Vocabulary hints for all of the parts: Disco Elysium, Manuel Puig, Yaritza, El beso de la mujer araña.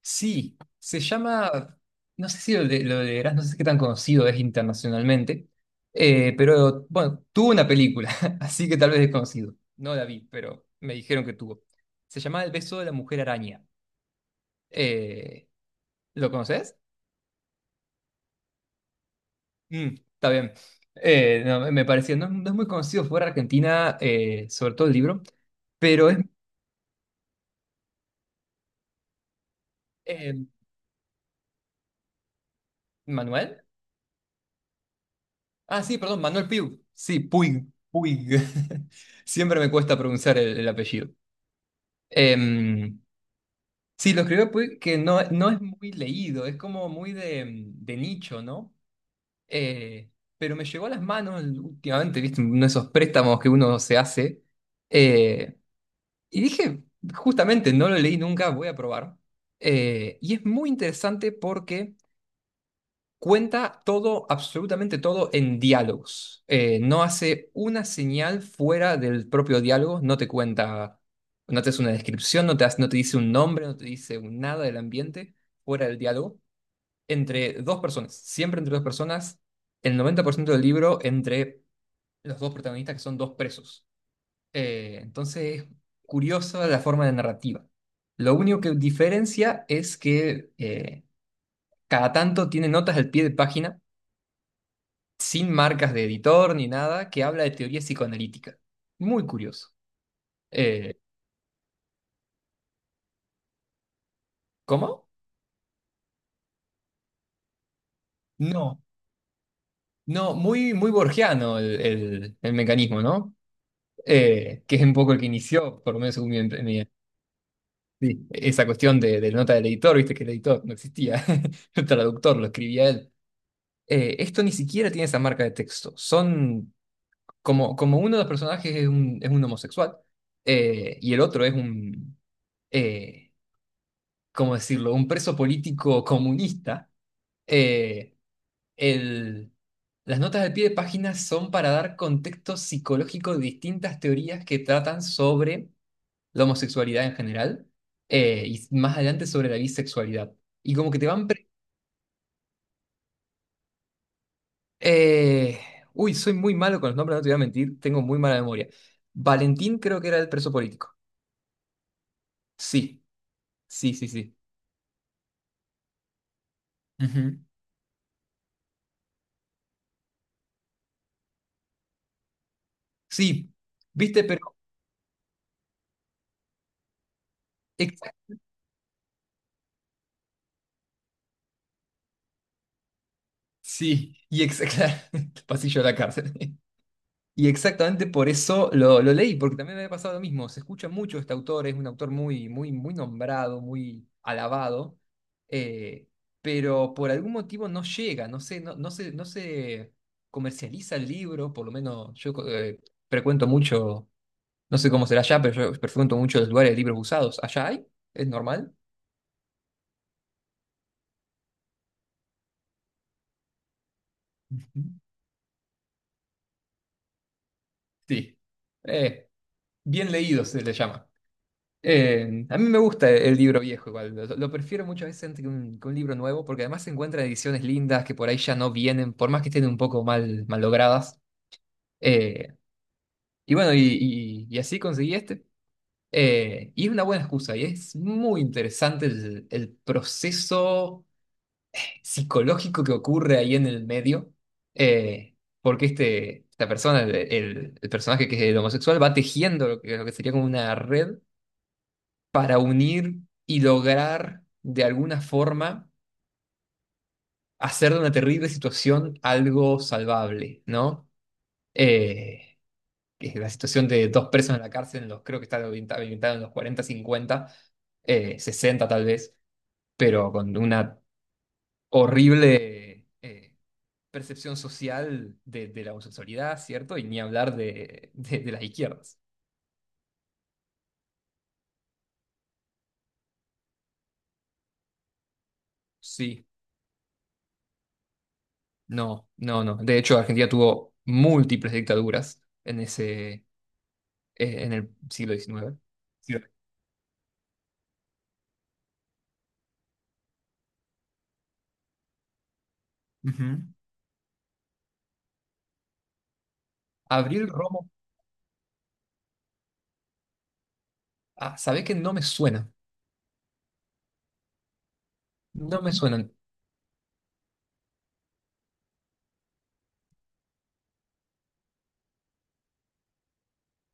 Sí, se llama, no sé si lo leerás, no sé qué tan conocido es internacionalmente, pero bueno, tuvo una película, así que tal vez es conocido. No la vi, pero me dijeron que tuvo. Se llama El beso de la mujer araña. Eh, ¿Lo conoces? Mm, está bien. No, me parecía, no, no es muy conocido fuera de Argentina, sobre todo el libro, pero es... eh, ¿Manuel? Ah, sí, perdón, Manuel Piu. Sí, Puig, Puig. Siempre me cuesta pronunciar el apellido. Em, sí, lo escribió Puig que no, no es muy leído, es como muy de, de nicho, ¿no? Eh, pero me llegó a las manos últimamente, ¿viste? Uno de esos préstamos que uno se hace. Eh, y dije, justamente, no lo leí nunca, voy a probar. Y es muy interesante porque cuenta todo, absolutamente todo en diálogos. No hace una señal fuera del propio diálogo, no te cuenta, no te hace una descripción, no te, hace- no te dice un nombre, no te dice un nada del ambiente fuera del diálogo. Entre dos personas, siempre entre dos personas, el 90% del libro entre los dos protagonistas que son dos presos. Entonces, es curiosa la forma de narrativa. Lo único que diferencia es que cada tanto tiene notas al pie de página sin marcas de editor ni nada, que habla de teoría psicoanalítica. Muy curioso. Eh, ¿Cómo? No, no, muy, muy borgiano el mecanismo, ¿no? Que es un poco el que inició, por lo menos según mi, sí, esa cuestión de la nota del editor, viste que el editor no existía, el traductor lo escribía él. Esto ni siquiera tiene esa marca de texto. Son como, como uno de los personajes es un homosexual, y el otro es un, eh, ¿cómo decirlo?, un preso político comunista, eh, el- las notas de pie de página son para dar contexto psicológico de distintas teorías que tratan sobre la homosexualidad en general, y más adelante sobre la bisexualidad. Y como que te van... eh, uy, soy muy malo con los nombres, no te voy a mentir, tengo muy mala memoria. Valentín creo que era el preso político. Sí, sí, sí, sí. Ujú. Sí, viste, pero... Sí, y exactamente, el pasillo de la cárcel. Y exactamente por eso lo leí, porque también me había pasado lo mismo. Se escucha mucho este autor, es un autor muy, muy, muy nombrado, muy alabado, eh, pero por algún motivo no llega, no sé, no, no se comercializa el libro, por lo menos yo frecuento mucho, no sé cómo será allá, pero yo frecuento mucho los lugares de libros usados. ¿Allá hay? ¿Es normal? Sí. Eh, Bien leído se le llama. A mí me gusta el libro viejo igual, lo prefiero muchas veces antes que un libro nuevo, porque además se encuentran ediciones lindas que por ahí ya no vienen, por más que estén un poco mal, mal logradas. Eh, y bueno, y así conseguí este. Y es una buena excusa, y es muy interesante el proceso psicológico que ocurre ahí en el medio, eh, porque este, esta persona, el personaje que es el homosexual, va tejiendo lo que sería como una red para unir y lograr de alguna forma hacer de una terrible situación algo salvable, ¿no? Eh, que la situación de dos presos en la cárcel, en los, creo que está ambientada en los 40, 50, 60 tal vez, pero con una horrible percepción social de la homosexualidad, ¿cierto? Y ni hablar de las izquierdas. Sí, no, no, no. De hecho, Argentina tuvo múltiples dictaduras en ese, en el siglo XIX. Sí. Ujú. Abril Romo. Ah, ¿sabés que no me suena? No me suenan.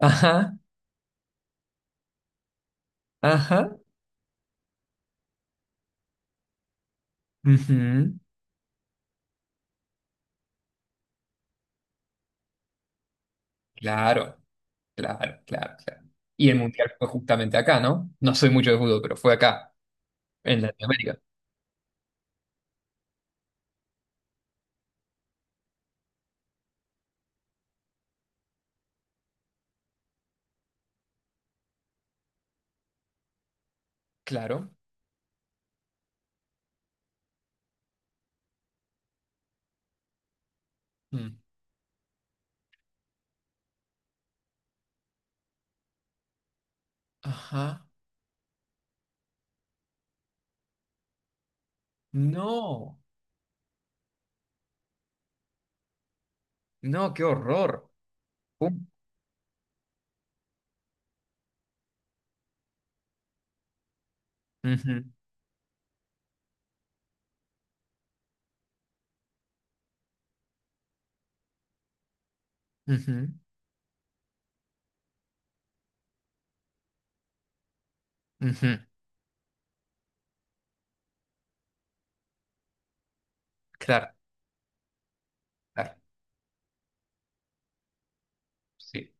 Ajá, ajá. Ujú. Claro, claro, claro, claro. Y el mundial fue justamente acá, ¿no? No soy mucho de fútbol, pero fue acá, en Latinoamérica. Claro. Mm, ajá. No, no, qué horror. Pum, ujú, ujú, ujú, claro, claro. Sí.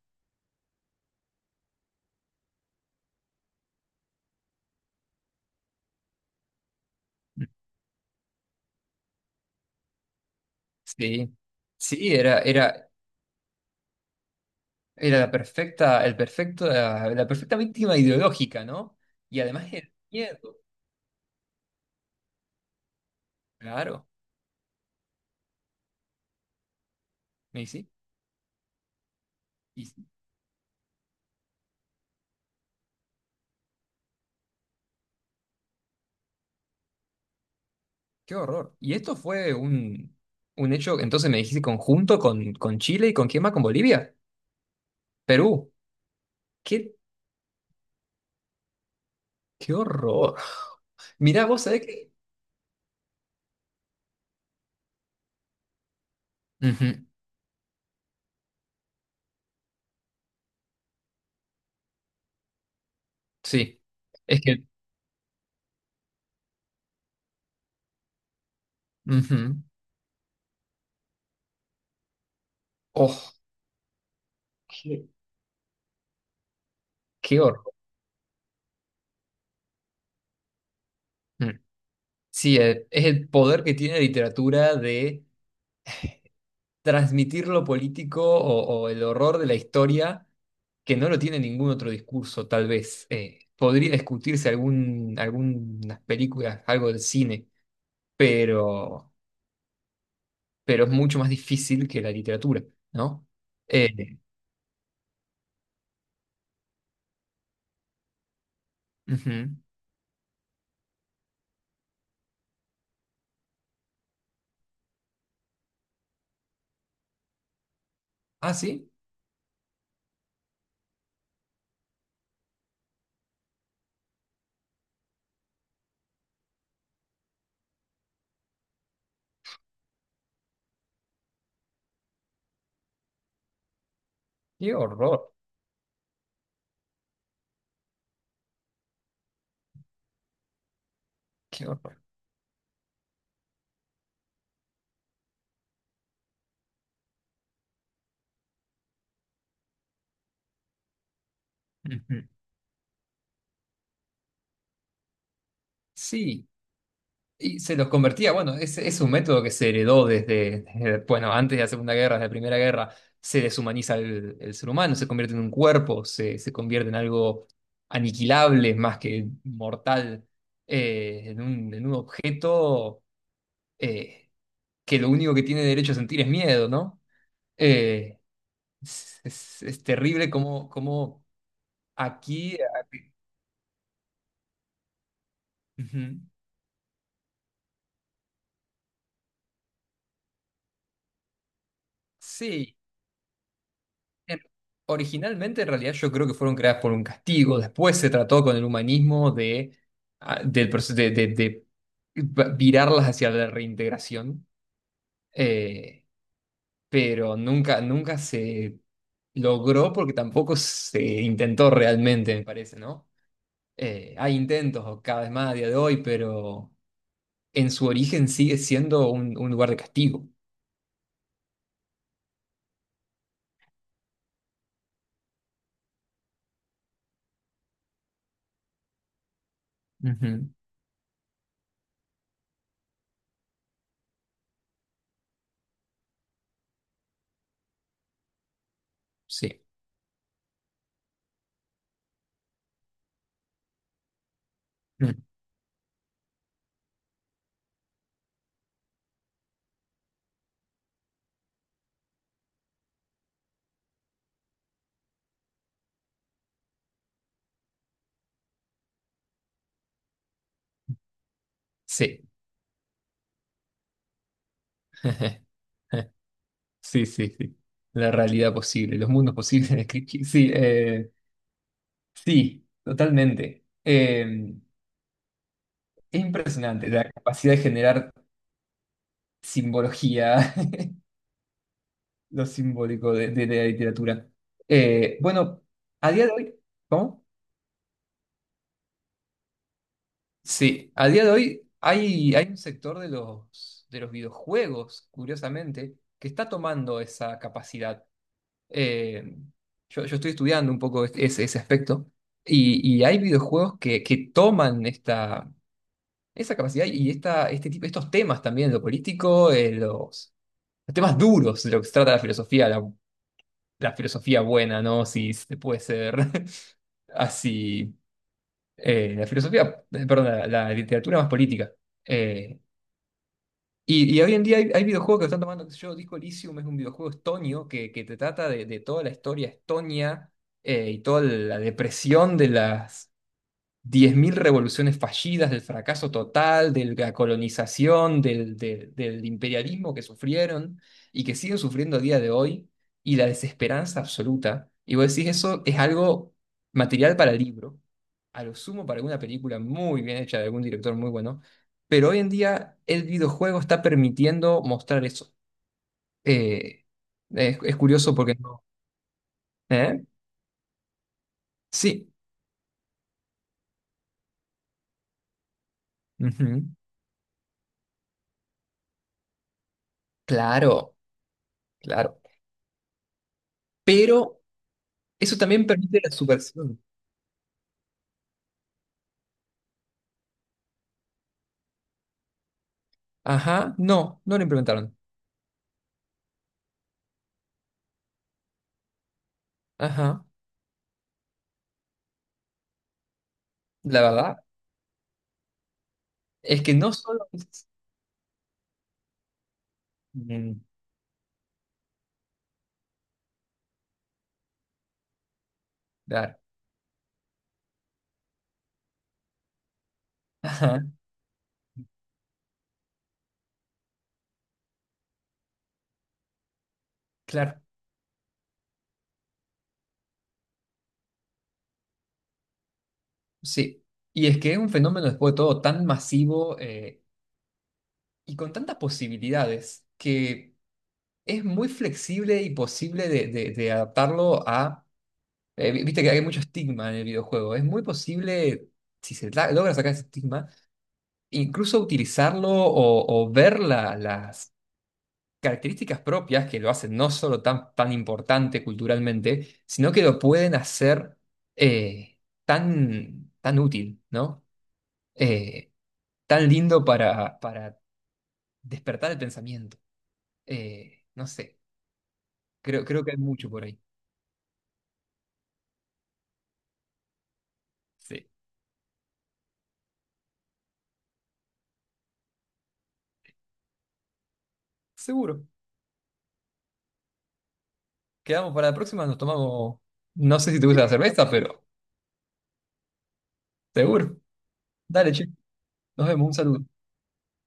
Sí. Sí, era, era. Era la perfecta, el perfecto, la perfecta víctima ideológica, ¿no? Y además el miedo, claro, me dice, y sí, qué horror. Y esto fue un hecho, entonces me dijiste conjunto con Chile y con quién más, con Bolivia, Perú, qué, qué horror. Mirá, vos sabés que... Ujú, sí, es que... Ujú. Oh, qué, qué horror. Mm. Sí, es el poder que tiene la literatura de transmitir lo político o el horror de la historia que no lo tiene ningún otro discurso, tal vez. Podría discutirse algún, algunas películas, algo del cine, pero, pero es mucho más difícil que la literatura, ¿no? Eh, Ujú. Ah, sí, qué horror, qué horror. Ujú. Sí. Y se los convertía, bueno, es un método que se heredó bueno, antes de la Segunda Guerra, desde la Primera Guerra, se deshumaniza el ser humano, se, convierte en un cuerpo, se convierte en algo aniquilable más que mortal, en un objeto eh, que lo único que tiene derecho a sentir es miedo, ¿no? Eh, es terrible como aquí... Ujú. Sí. Eh, Originalmente, en realidad, yo creo que fueron creadas por un castigo. Después se trató con el humanismo de, ah, del de virarlas hacia la reintegración. Eh, pero nunca, nunca se logró porque tampoco se intentó realmente, me parece, ¿no? Hay intentos cada vez más a día de hoy, pero en su origen sigue siendo un lugar de castigo. Ujú, sí. Mm, sí. Sí, sí, sí. La realidad posible, los mundos posibles. Sí, sí, totalmente. Es impresionante la capacidad de generar simbología, lo simbólico de la literatura. Bueno, a día de hoy, ¿cómo? Sí, a día de hoy hay un sector de los videojuegos, curiosamente, que está tomando esa capacidad. eh, yo estoy estudiando un poco ese aspecto y hay videojuegos que toman esta, esa capacidad y esta, este tipo, estos temas también, lo político, los temas duros de lo que se trata la filosofía, la filosofía buena, ¿no? Si se puede ser así. La filosofía, perdón, la literatura más política. Eh, y hoy en día hay videojuegos que están tomando, qué sé yo, Disco Elysium es un videojuego estonio que te trata de toda la historia estonia y toda la depresión de las 10.000 revoluciones fallidas, del fracaso total, de la colonización, del imperialismo que sufrieron y que siguen sufriendo a día de hoy y la desesperanza absoluta. Y vos decís, eso es algo material para el libro a lo sumo para alguna película muy bien hecha de algún director muy bueno, pero hoy en día el videojuego está permitiendo mostrar eso. Eh, es curioso porque no. ¿Eh? Sí, ujú, claro, claro. Pero eso también permite la subversión. Ajá, no, no lo implementaron. Ajá, la verdad es que no solo Mm, claro, ajá, claro, sí. Y es que es un fenómeno después de todo tan masivo y con tantas posibilidades que es muy flexible y posible de adaptarlo a... viste que hay mucho estigma en el videojuego. Es muy posible, si se logra sacar ese estigma, incluso utilizarlo o ver las características propias que lo hacen no solo tan, tan importante culturalmente, sino que lo pueden hacer eh, tan, tan útil, ¿no? Eh, Tan lindo para despertar el pensamiento. No sé, creo que hay mucho por ahí. Sí, seguro. Quedamos para la próxima, nos tomamos, no sé si te gusta la cerveza, pero seguro. Dale, che, nos vemos, un saludo.